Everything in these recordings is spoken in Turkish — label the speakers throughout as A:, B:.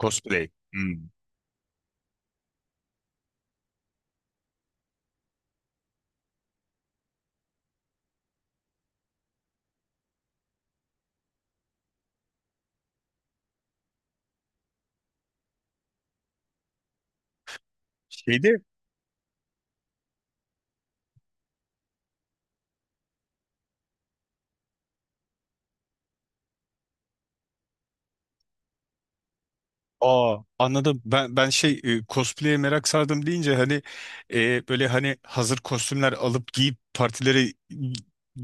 A: Cosplay. Hmm. Şeyde aa, anladım. Cosplay'e merak sardım deyince hani böyle hani hazır kostümler alıp giyip partilere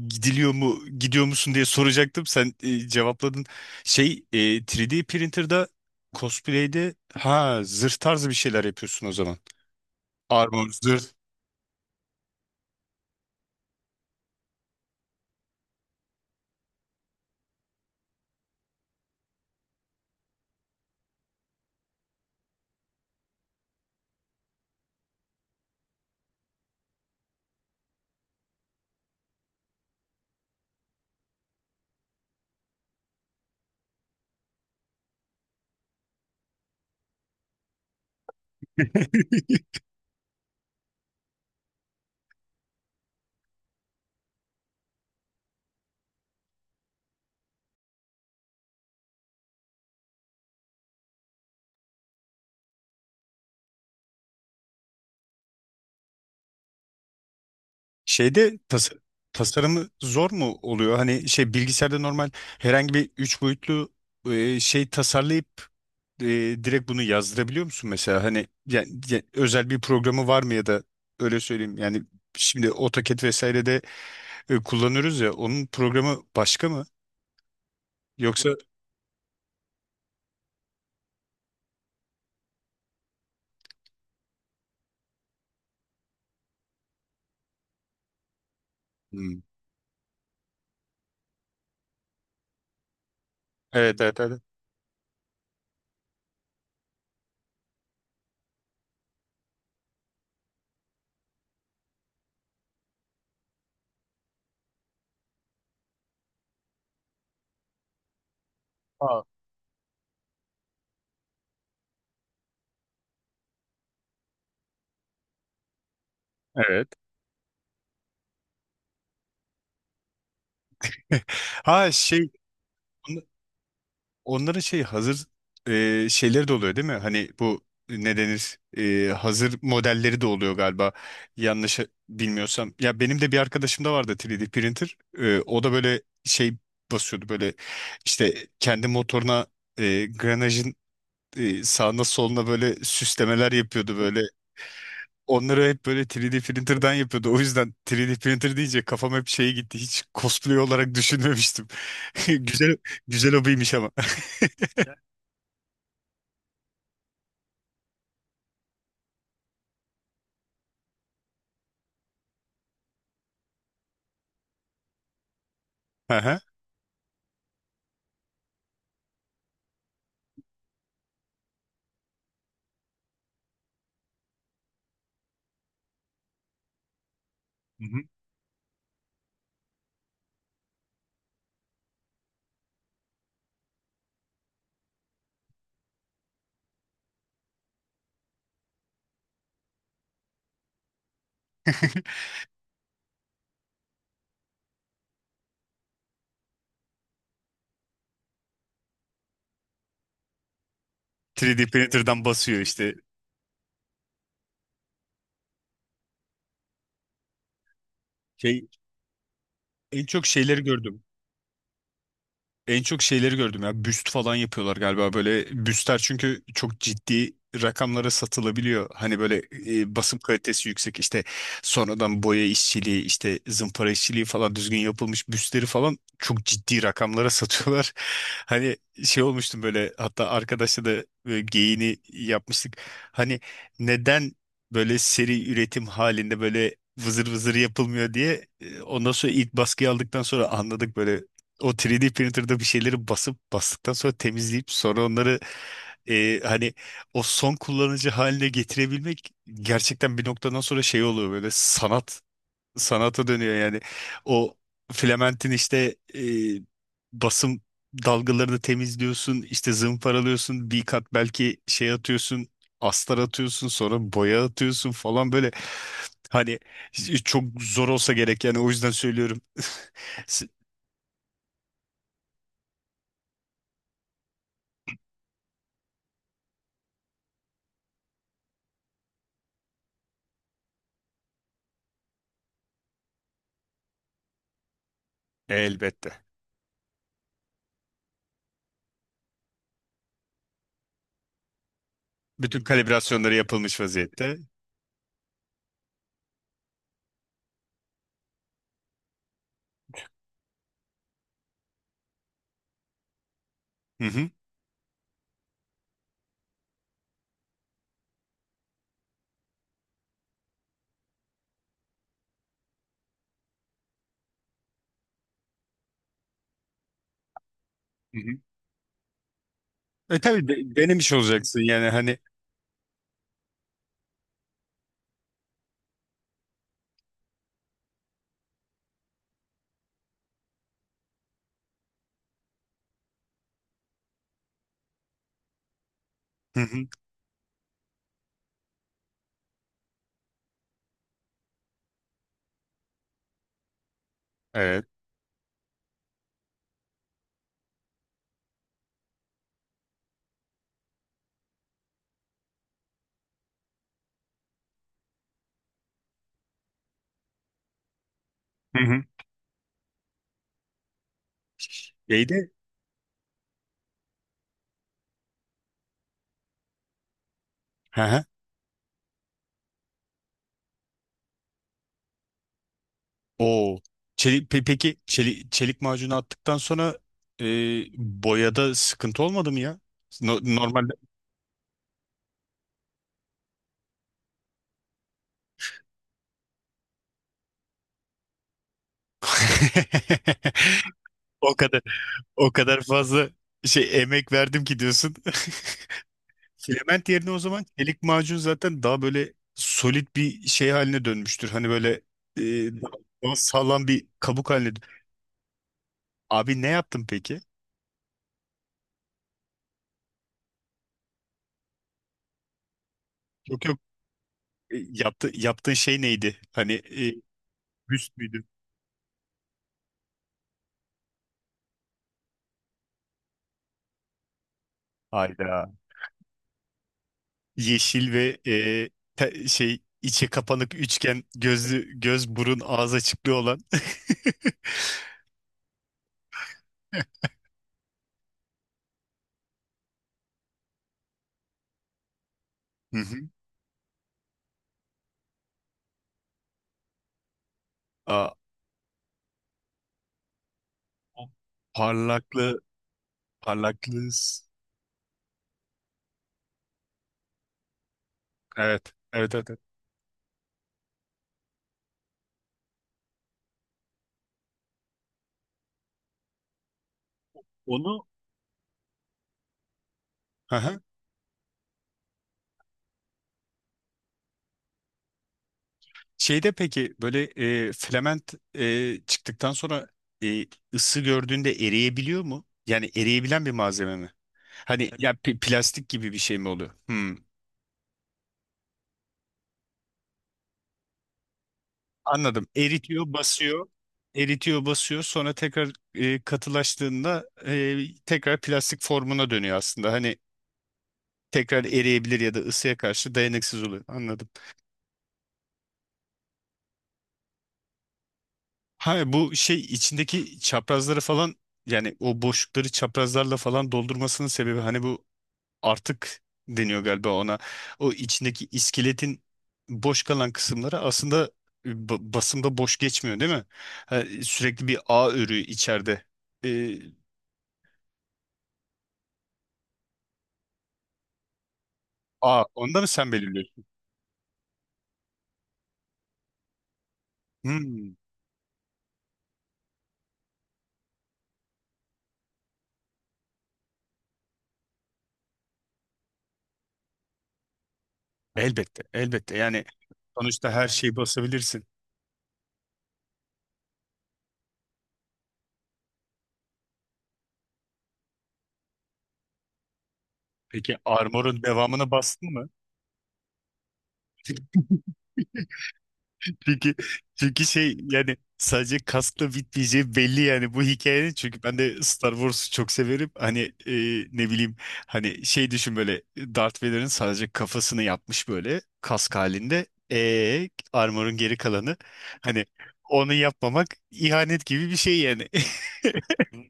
A: gidiliyor mu gidiyor musun diye soracaktım. Sen cevapladın. 3D printer'da cosplay'de ha zırh tarzı bir şeyler yapıyorsun o zaman. Armor, zırh. Şeyde tas Tasarımı zor mu oluyor? Hani bilgisayarda normal herhangi bir üç boyutlu şey tasarlayıp e, direkt bunu yazdırabiliyor musun mesela? Özel bir programı var mı, ya da öyle söyleyeyim. Yani şimdi AutoCAD vesaire de kullanıyoruz ya, onun programı başka mı? Yoksa? Hmm. Evet, evet, evet. Aa. Evet. Ha şey Onların hazır şeyleri de oluyor değil mi? Hani bu ne denir? Hazır modelleri de oluyor galiba, yanlış bilmiyorsam. Ya benim de bir arkadaşım vardı, 3D printer. E, o da böyle basıyordu, böyle işte kendi motoruna granajın sağına soluna böyle süslemeler yapıyordu böyle. Onları hep böyle 3D printer'dan yapıyordu. O yüzden 3D printer deyince kafam hep şeye gitti, hiç cosplay olarak düşünmemiştim. Güzel, güzel hobiymiş ama. Aha. 3D printer'dan basıyor işte. Şey en çok şeyleri gördüm. En çok şeyleri gördüm ya. Büst falan yapıyorlar galiba böyle. Büstler çünkü çok ciddi rakamlara satılabiliyor. Hani böyle basım kalitesi yüksek, işte sonradan boya işçiliği, işte zımpara işçiliği falan düzgün yapılmış büstleri falan çok ciddi rakamlara satıyorlar. Hani olmuştum böyle, hatta arkadaşla da böyle geyiğini yapmıştık. Hani neden böyle seri üretim halinde böyle vızır vızır yapılmıyor diye. Ondan sonra ilk baskıyı aldıktan sonra anladık böyle, o 3D printer'da bir şeyleri basıp, bastıktan sonra temizleyip, sonra onları hani o son kullanıcı haline getirebilmek gerçekten bir noktadan sonra şey oluyor böyle, sanat, sanata dönüyor yani. O filamentin işte basım dalgalarını temizliyorsun, işte zımparalıyorsun, bir kat belki şey atıyorsun, astar atıyorsun, sonra boya atıyorsun falan böyle. Hani çok zor olsa gerek yani, o yüzden söylüyorum. Elbette. Bütün kalibrasyonları yapılmış vaziyette. Hı hı. Hı hı. E tabii, denemiş olacaksın yani hani. Hı hı. Evet. Hı hı. Neydi? Hı hı. Oo. Peki çelik macunu attıktan sonra e, boyada sıkıntı olmadı mı ya? Normalde o kadar, fazla emek verdim ki diyorsun. Element yerine o zaman çelik macun zaten daha böyle solid bir şey haline dönmüştür. Hani böyle e, daha, daha sağlam bir kabuk haline Abi ne yaptın peki? Yok yok e, yaptı, Yaptığın şey neydi? Büst müydü? Hayda. Yeşil ve içe kapanık üçgen gözlü, göz burun ağız açıklığı olan. Hı hı. Aa, o parlaklı parlaklı s- evet, evet, evet, evet. Onu. Hı hı. Peki böyle filament çıktıktan sonra e, ısı gördüğünde eriyebiliyor mu? Yani eriyebilen bir malzeme mi? Plastik gibi bir şey mi oluyor? Hmm, anladım. Eritiyor, basıyor. Eritiyor, basıyor. Sonra tekrar katılaştığında tekrar plastik formuna dönüyor aslında. Hani tekrar eriyebilir ya da ısıya karşı dayanıksız oluyor. Anladım. Ha Bu içindeki çaprazları falan, yani o boşlukları çaprazlarla falan doldurmasının sebebi hani bu artık deniyor galiba ona. O içindeki iskeletin boş kalan kısımları aslında basında boş geçmiyor değil mi? Ha, sürekli bir ağ örüğü içeride. Ee, Ağ, onda mı sen belirliyorsun? Hmm, elbette, elbette. Yani sonuçta her şeyi basabilirsin. Peki armorun devamını bastın mı? Çünkü çünkü yani sadece kaskla bitmeyeceği belli yani, bu hikayenin, çünkü ben de Star Wars'u çok severim. E, Ne bileyim, hani düşün böyle, Darth Vader'ın sadece kafasını yapmış böyle kask halinde. E armor'un geri kalanı, hani onu yapmamak ihanet gibi bir şey yani.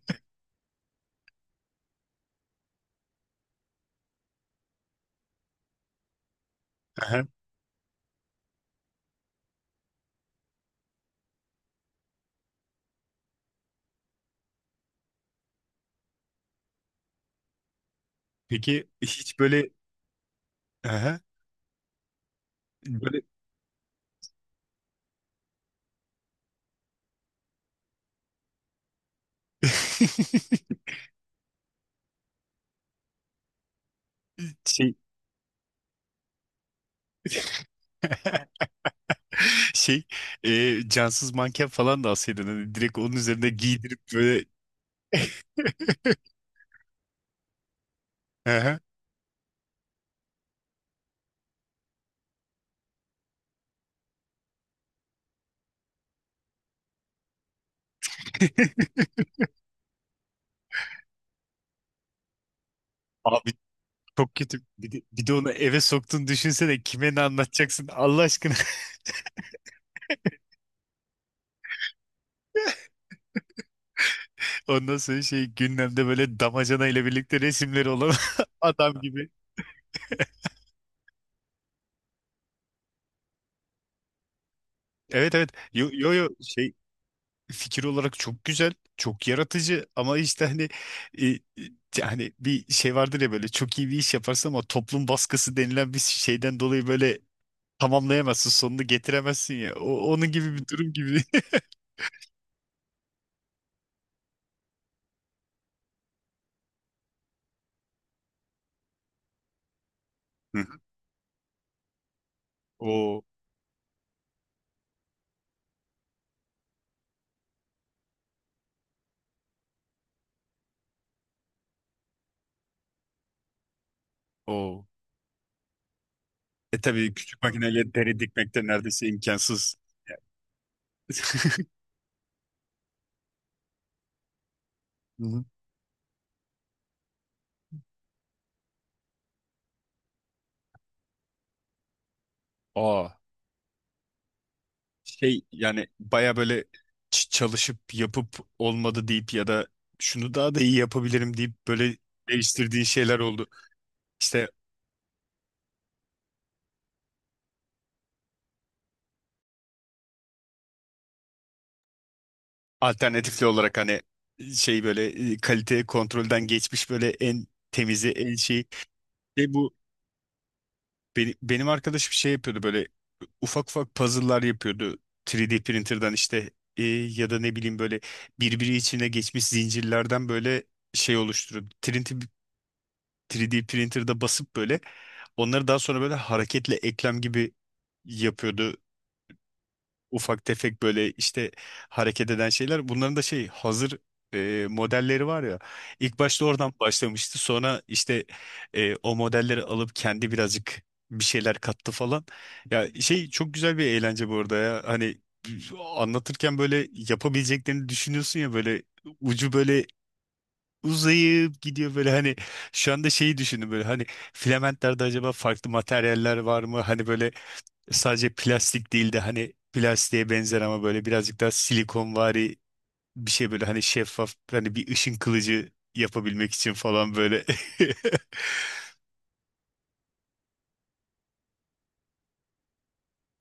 A: Aha. Peki hiç böyle aha, böyle şey Şey, Cansız manken falan da alsaydın. Hani direkt onun üzerine giydirip böyle. Aha. Abi çok kötü. Bir de onu eve soktun, düşünsene kime ne anlatacaksın Allah aşkına. Ondan sonra gündemde böyle damacana ile birlikte resimleri olan adam gibi. Evet, evet. Yo, yo, yo, fikir olarak çok güzel, çok yaratıcı ama işte hani e, e, yani bir şey vardır ya, böyle çok iyi bir iş yaparsın ama toplum baskısı denilen bir şeyden dolayı böyle tamamlayamazsın, sonunu getiremezsin ya. O, onun gibi bir durum gibi. Hı hı. O, o. E tabii, küçük makineyle deri dikmek de neredeyse imkansız. Hı hı. Aa, yani baya böyle, çalışıp yapıp olmadı deyip, ya da şunu daha da iyi yapabilirim deyip böyle değiştirdiğin şeyler oldu. İşte alternatifli olarak hani böyle kalite kontrolden geçmiş böyle en temizi, en şey. E bu Benim arkadaşım yapıyordu böyle, ufak ufak puzzle'lar yapıyordu, 3D printer'dan, işte ya da ne bileyim böyle birbiri içine geçmiş zincirlerden böyle oluşturuyordu. 3D printer'da basıp böyle onları daha sonra böyle hareketli eklem gibi yapıyordu, ufak tefek böyle işte hareket eden şeyler. Bunların da hazır modelleri var ya. İlk başta oradan başlamıştı. Sonra işte o modelleri alıp kendi birazcık bir şeyler kattı falan. Ya çok güzel bir eğlence bu arada ya. Hani anlatırken böyle yapabileceklerini düşünüyorsun ya, böyle ucu böyle uzayıp gidiyor böyle hani. Şu anda şeyi düşündüm böyle, hani filamentlerde acaba farklı materyaller var mı? Hani böyle sadece plastik değil de hani plastiğe benzer ama böyle birazcık daha silikonvari bir şey, böyle hani şeffaf, hani bir ışın kılıcı yapabilmek için falan böyle.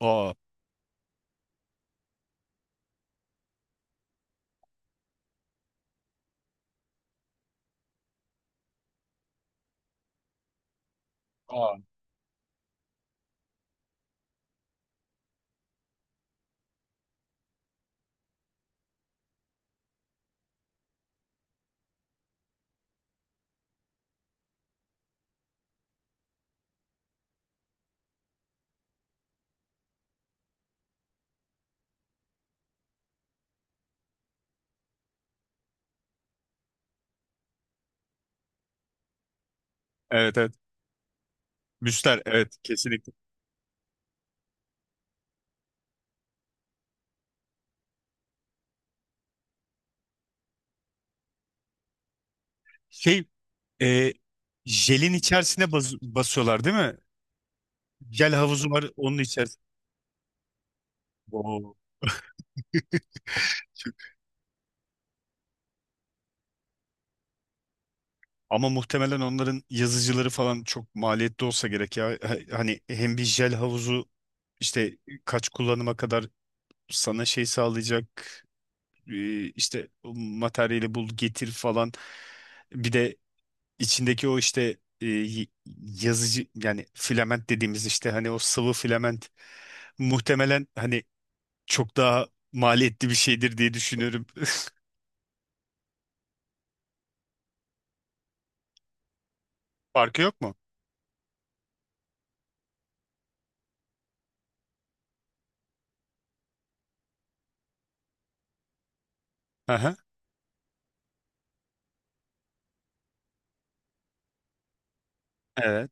A: Aa, Aa. Evet, evet. Müster evet, kesinlikle. Şey e, Jelin içerisine basıyorlar değil mi? Jel havuzu var onun içerisinde. Oo. Ama muhtemelen onların yazıcıları falan çok maliyetli olsa gerek ya. Hani hem bir jel havuzu, işte kaç kullanıma kadar sana sağlayacak işte o materyali bul getir falan. Bir de içindeki o işte yazıcı, yani filament dediğimiz, işte hani o sıvı filament muhtemelen hani çok daha maliyetli bir şeydir diye düşünüyorum. Farkı yok mu? Aha, evet,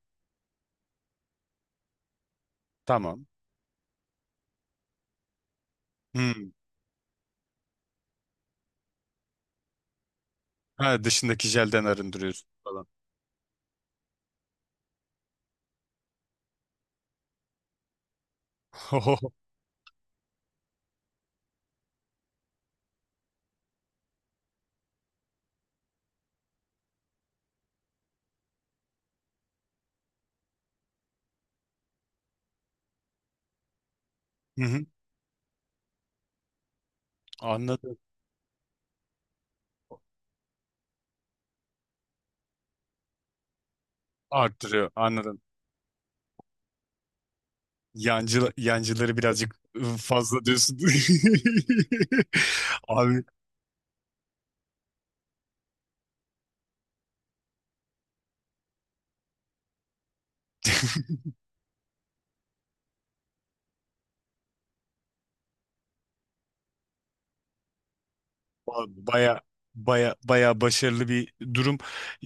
A: tamam. Hmm. Ha, dışındaki jelden arındırıyorsun falan. Oho. Hı hı. Anladım. Arttırıyor, anladım. Yancıları birazcık fazla diyorsun. Abi. Baya Baya, baya başarılı bir durum.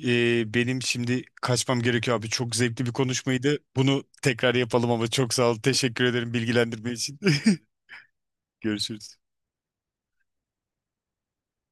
A: Benim şimdi kaçmam gerekiyor abi. Çok zevkli bir konuşmaydı. Bunu tekrar yapalım ama, çok sağ ol. Teşekkür ederim bilgilendirme için. Görüşürüz.